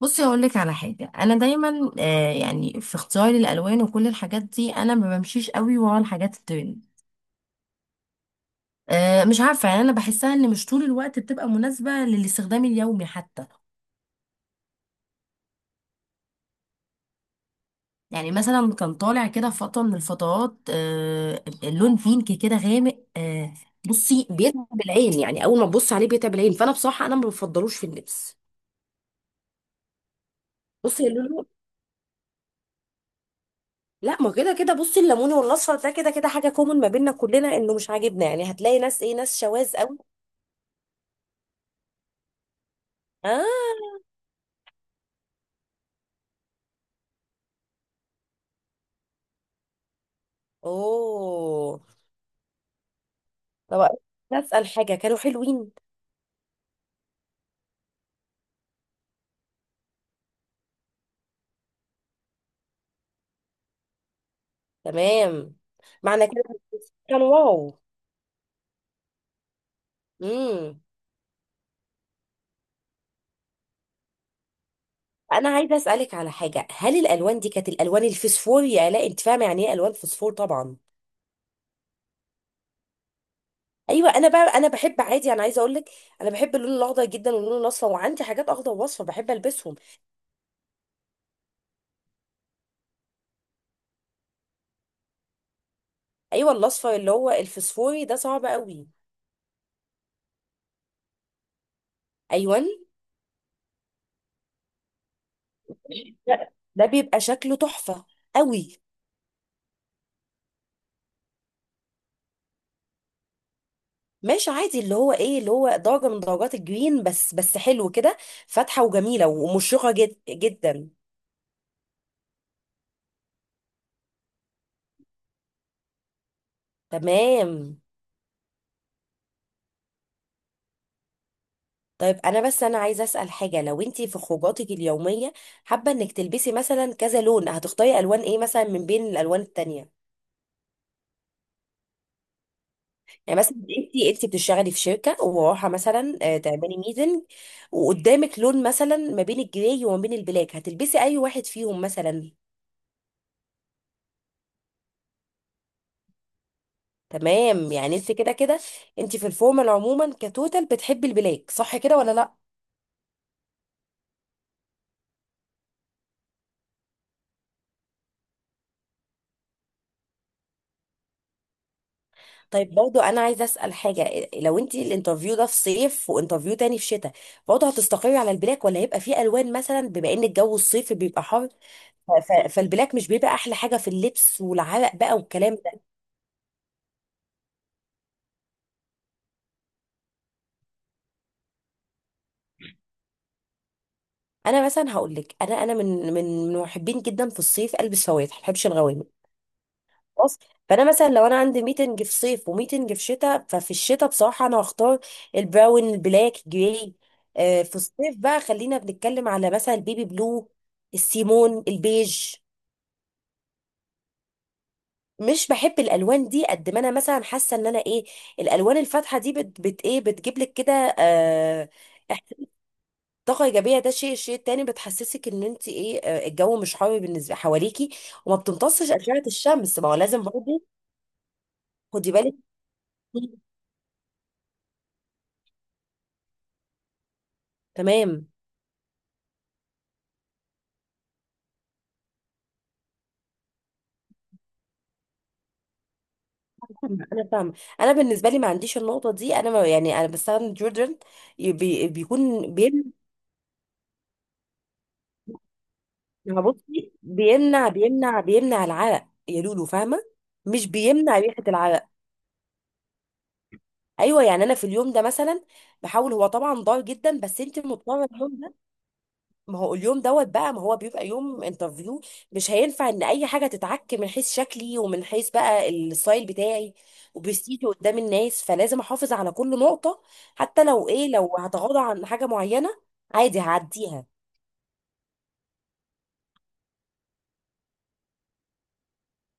بصي، هقول لك على حاجه. انا دايما يعني في اختياري للالوان وكل الحاجات دي انا ما بمشيش قوي ورا الحاجات الترند. مش عارفه، يعني انا بحسها ان مش طول الوقت بتبقى مناسبه للاستخدام اليومي حتى. يعني مثلا كان طالع كده في فتره من الفترات اللون بينك كده غامق بصي، بيتعب العين، يعني اول ما تبص عليه بيتعب العين، فانا بصراحه انا ما بفضلوش في اللبس. بصي، اللون. لا، ما كده كده، بصي الليموني والاصفر ده كده كده حاجه كومن ما بيننا كلنا، انه مش عاجبنا. يعني هتلاقي ناس شواذ قوي. اه. اوه. طب، نسأل حاجة، كانوا حلوين؟ تمام. معنى كده؟ كانوا واو؟ امم. انا عايزه اسالك على حاجه، هل الالوان دي كانت الالوان الفسفور يا لا؟ انت فاهمه يعني ايه الوان فسفور طبعا. ايوه، انا بقى انا بحب عادي، انا عايزه اقول لك. انا بحب اللون الاخضر جدا واللون الاصفر، وعندي حاجات اخضر واصفر بحب البسهم. ايوه، الاصفر اللي هو الفسفوري ده صعب قوي. ايوه. لا. ده بيبقى شكله تحفه قوي. ماشي عادي، اللي هو درجة من درجات الجرين، بس حلو كده. فاتحة وجميلة ومشرقة جدا. تمام. طيب، انا عايزة اسأل حاجة، لو انتي في خروجاتك اليومية حابة انك تلبسي مثلا كذا لون، هتختاري الوان ايه مثلا من بين الالوان التانية؟ يعني مثلا انتي بتشتغلي في شركة ورايحة مثلا تعملي ميتنج. وقدامك لون مثلا ما بين الجراي وما بين البلاك، هتلبسي اي واحد فيهم مثلا؟ تمام، يعني انت كده كده انت في الفورمال عموما كتوتال بتحبي البلاك، صح كده ولا لا؟ طيب، برضو انا عايزه اسال حاجه، لو انت الانترفيو ده في صيف وانترفيو تاني في شتاء برضو هتستقري على البلاك، ولا هيبقى فيه الوان مثلا بما ان الجو الصيفي بيبقى حر؟ فالبلاك مش بيبقى احلى حاجه في اللبس والعرق بقى والكلام ده. انا مثلا هقول لك، انا من من محبين جدا في الصيف البس فواتح، ما بحبش الغوامق. خلاص. فانا مثلا لو انا عندي ميتنج في صيف وميتنج في شتاء، ففي الشتاء بصراحه انا هختار البراون، البلاك، جراي. في الصيف بقى خلينا بنتكلم على مثلا البيبي بلو، السيمون، البيج. مش بحب الالوان دي قد ما انا مثلا حاسه ان انا الالوان الفاتحه دي بت, بت ايه بتجيب لك كده. آه إح- طاقه ايجابيه، ده شيء. الشيء التاني بتحسسك ان انت ايه آه، الجو مش حر بالنسبه حواليكي، وما بتمتصش اشعه الشمس، ما هو لازم برضه. خدي بالك. تمام. انا فاهمه. انا بالنسبه لي ما عنديش النقطه دي، انا ما يعني انا بستخدم ديودرنت. بيكون بيمنع. بصي، بيمنع بيمنع بيمنع العرق يا لولو، فاهمه؟ مش بيمنع ريحه العرق. ايوه، يعني انا في اليوم ده مثلا بحاول، هو طبعا ضار جدا، بس انت مضطره اليوم ده. ما هو اليوم دوت بقى، ما هو بيبقى يوم انترفيو، مش هينفع ان اي حاجه تتعك من حيث شكلي ومن حيث بقى الستايل بتاعي، وبستيجي قدام الناس، فلازم احافظ على كل نقطه. حتى لو هتغاضى عن حاجه معينه عادي هعديها.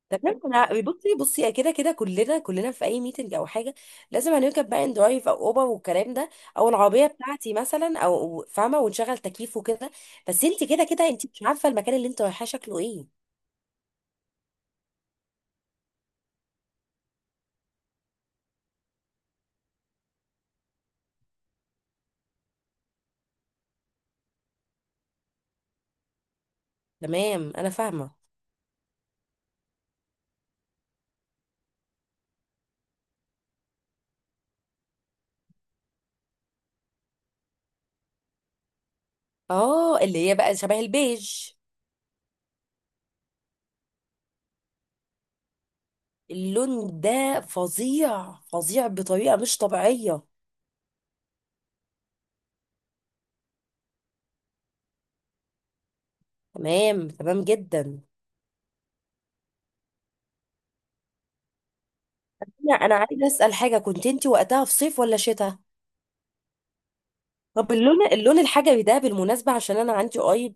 تمام، انا بصي كده كده كلنا كلنا في اي ميتنج او حاجه لازم هنركب بقى ان درايف او اوبر والكلام ده، او العربيه بتاعتي مثلا، او فاهمه، ونشغل تكييف وكده. بس انت كده كده انت مش عارفه المكان اللي انت رايحاه شكله ايه. تمام، انا فاهمه. اه، اللي هي بقى شبه البيج. اللون ده فظيع فظيع بطريقة مش طبيعية. تمام تمام جدا. لا، انا عايزة اسأل حاجة، كنت انت وقتها في صيف ولا شتاء؟ طب، اللون الحجري ده بالمناسبة، عشان انا عندي قريب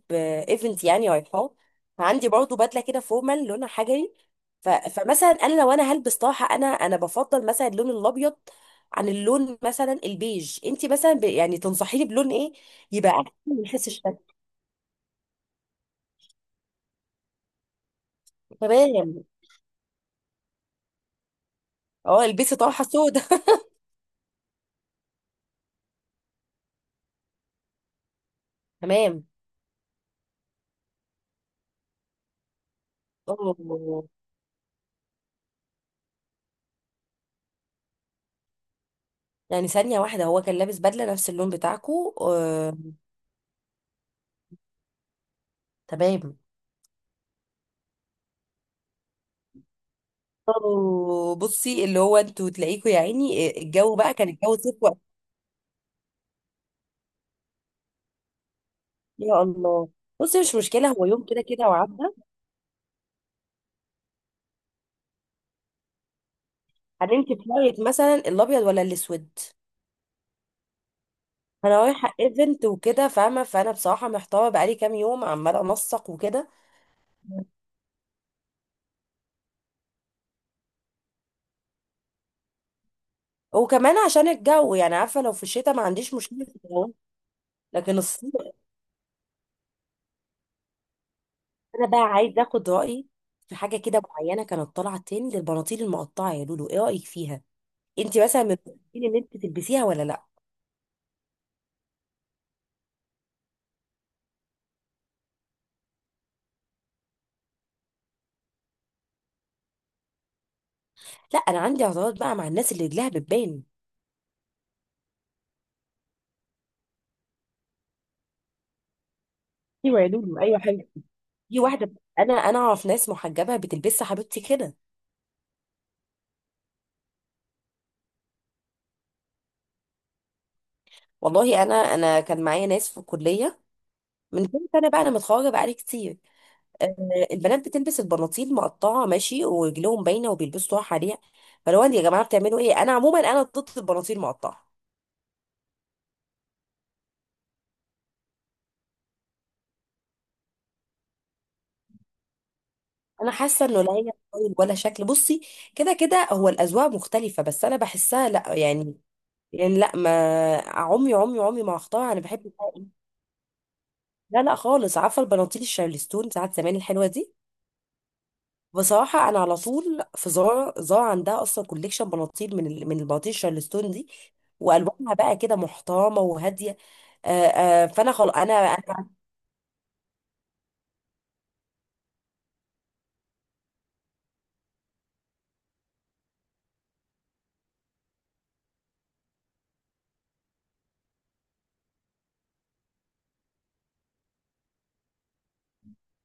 ايفنت يعني رايحاه، عندي برضه بدلة كده فورمال لونها حجري. فمثلا انا لو انا هلبس طرحة انا بفضل مثلا اللون الابيض عن اللون مثلا البيج، انت مثلا يعني تنصحيني بلون ايه يبقى احسن من حيث الشكل؟ تمام، اه البسي طرحه سودا. تمام. اوه، يعني ثانيه واحده، هو كان لابس بدله نفس اللون بتاعكو؟ تمام. اوه، بصي، اللي هو انتوا تلاقيكوا يا عيني، الجو بقى كان الجو صيف وقت. يا الله. بصي مش مشكله، هو يوم كده كده وعدى. هنمشي في رايك، مثلا الابيض ولا الاسود؟ انا رايحه ايفنت وكده فاهمه، فانا بصراحه محتاره بقالي كام يوم عماله انسق وكده. وكمان عشان الجو، يعني عارفه لو في الشتاء ما عنديش مشكله في الجو، لكن الصيف. انا بقى عايز اخد رايي في حاجه كده معينه كانت طالعه ترند للبناطيل المقطعه يا لولو، ايه رايك فيها؟ انت مثلا من المقتنعين ان انت تلبسيها ولا لا؟ لا، انا عندي اعتراض بقى مع الناس اللي رجلها بتبان. ايوه يا لولو، ايوه حلو. في واحده، انا اعرف ناس محجبه بتلبسها حبيبتي كده. والله انا كان معايا ناس في الكليه من كام سنه بقى، انا متخرجه بقالي كتير. آه، البنات بتلبس البناطيل مقطعه ماشي، ورجلهم باينه وبيلبسوا طرح عليها. فلو انت يا جماعه بتعملوا ايه؟ انا عموما انا ضد البناطيل المقطعه. انا حاسه انه لا هي ستايل ولا شكل. بصي، كده كده هو الاذواق مختلفه، بس انا بحسها لا، يعني. يعني لا ما عمي عمي عمي ما اختار انا بحب بقى، إيه؟ لا لا خالص، عارفه البناطيل الشارلستون ساعات زمان الحلوه دي؟ بصراحه انا على طول في زارا، زارا عندها اصلا كوليكشن بناطيل من البناطيل الشارلستون دي، والوانها بقى كده محترمه وهاديه. فانا خلاص.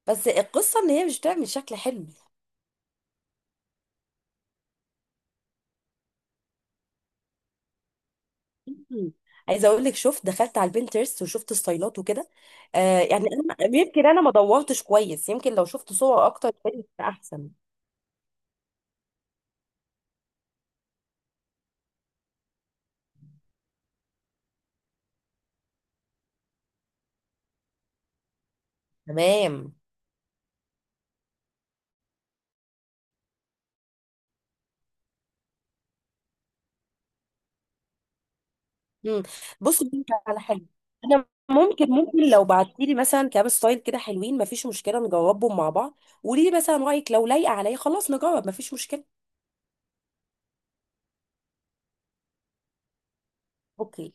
بس القصه ان هي مش بتعمل شكل حلو. مم. عايزه اقول لك، شفت، دخلت على البنترست وشفت ستايلات وكده. يعني انا يمكن انا ما دورتش كويس، يمكن لو شفت صور اكتر كانت هتبقى احسن. تمام. مم. بصي ممكن على حاجه، انا ممكن لو بعتي لي مثلا كام ستايل كده حلوين ما فيش مشكله نجربهم مع بعض. قولي لي مثلا رايك، لو لايقه عليا خلاص نجرب ما فيش مشكله. اوكي.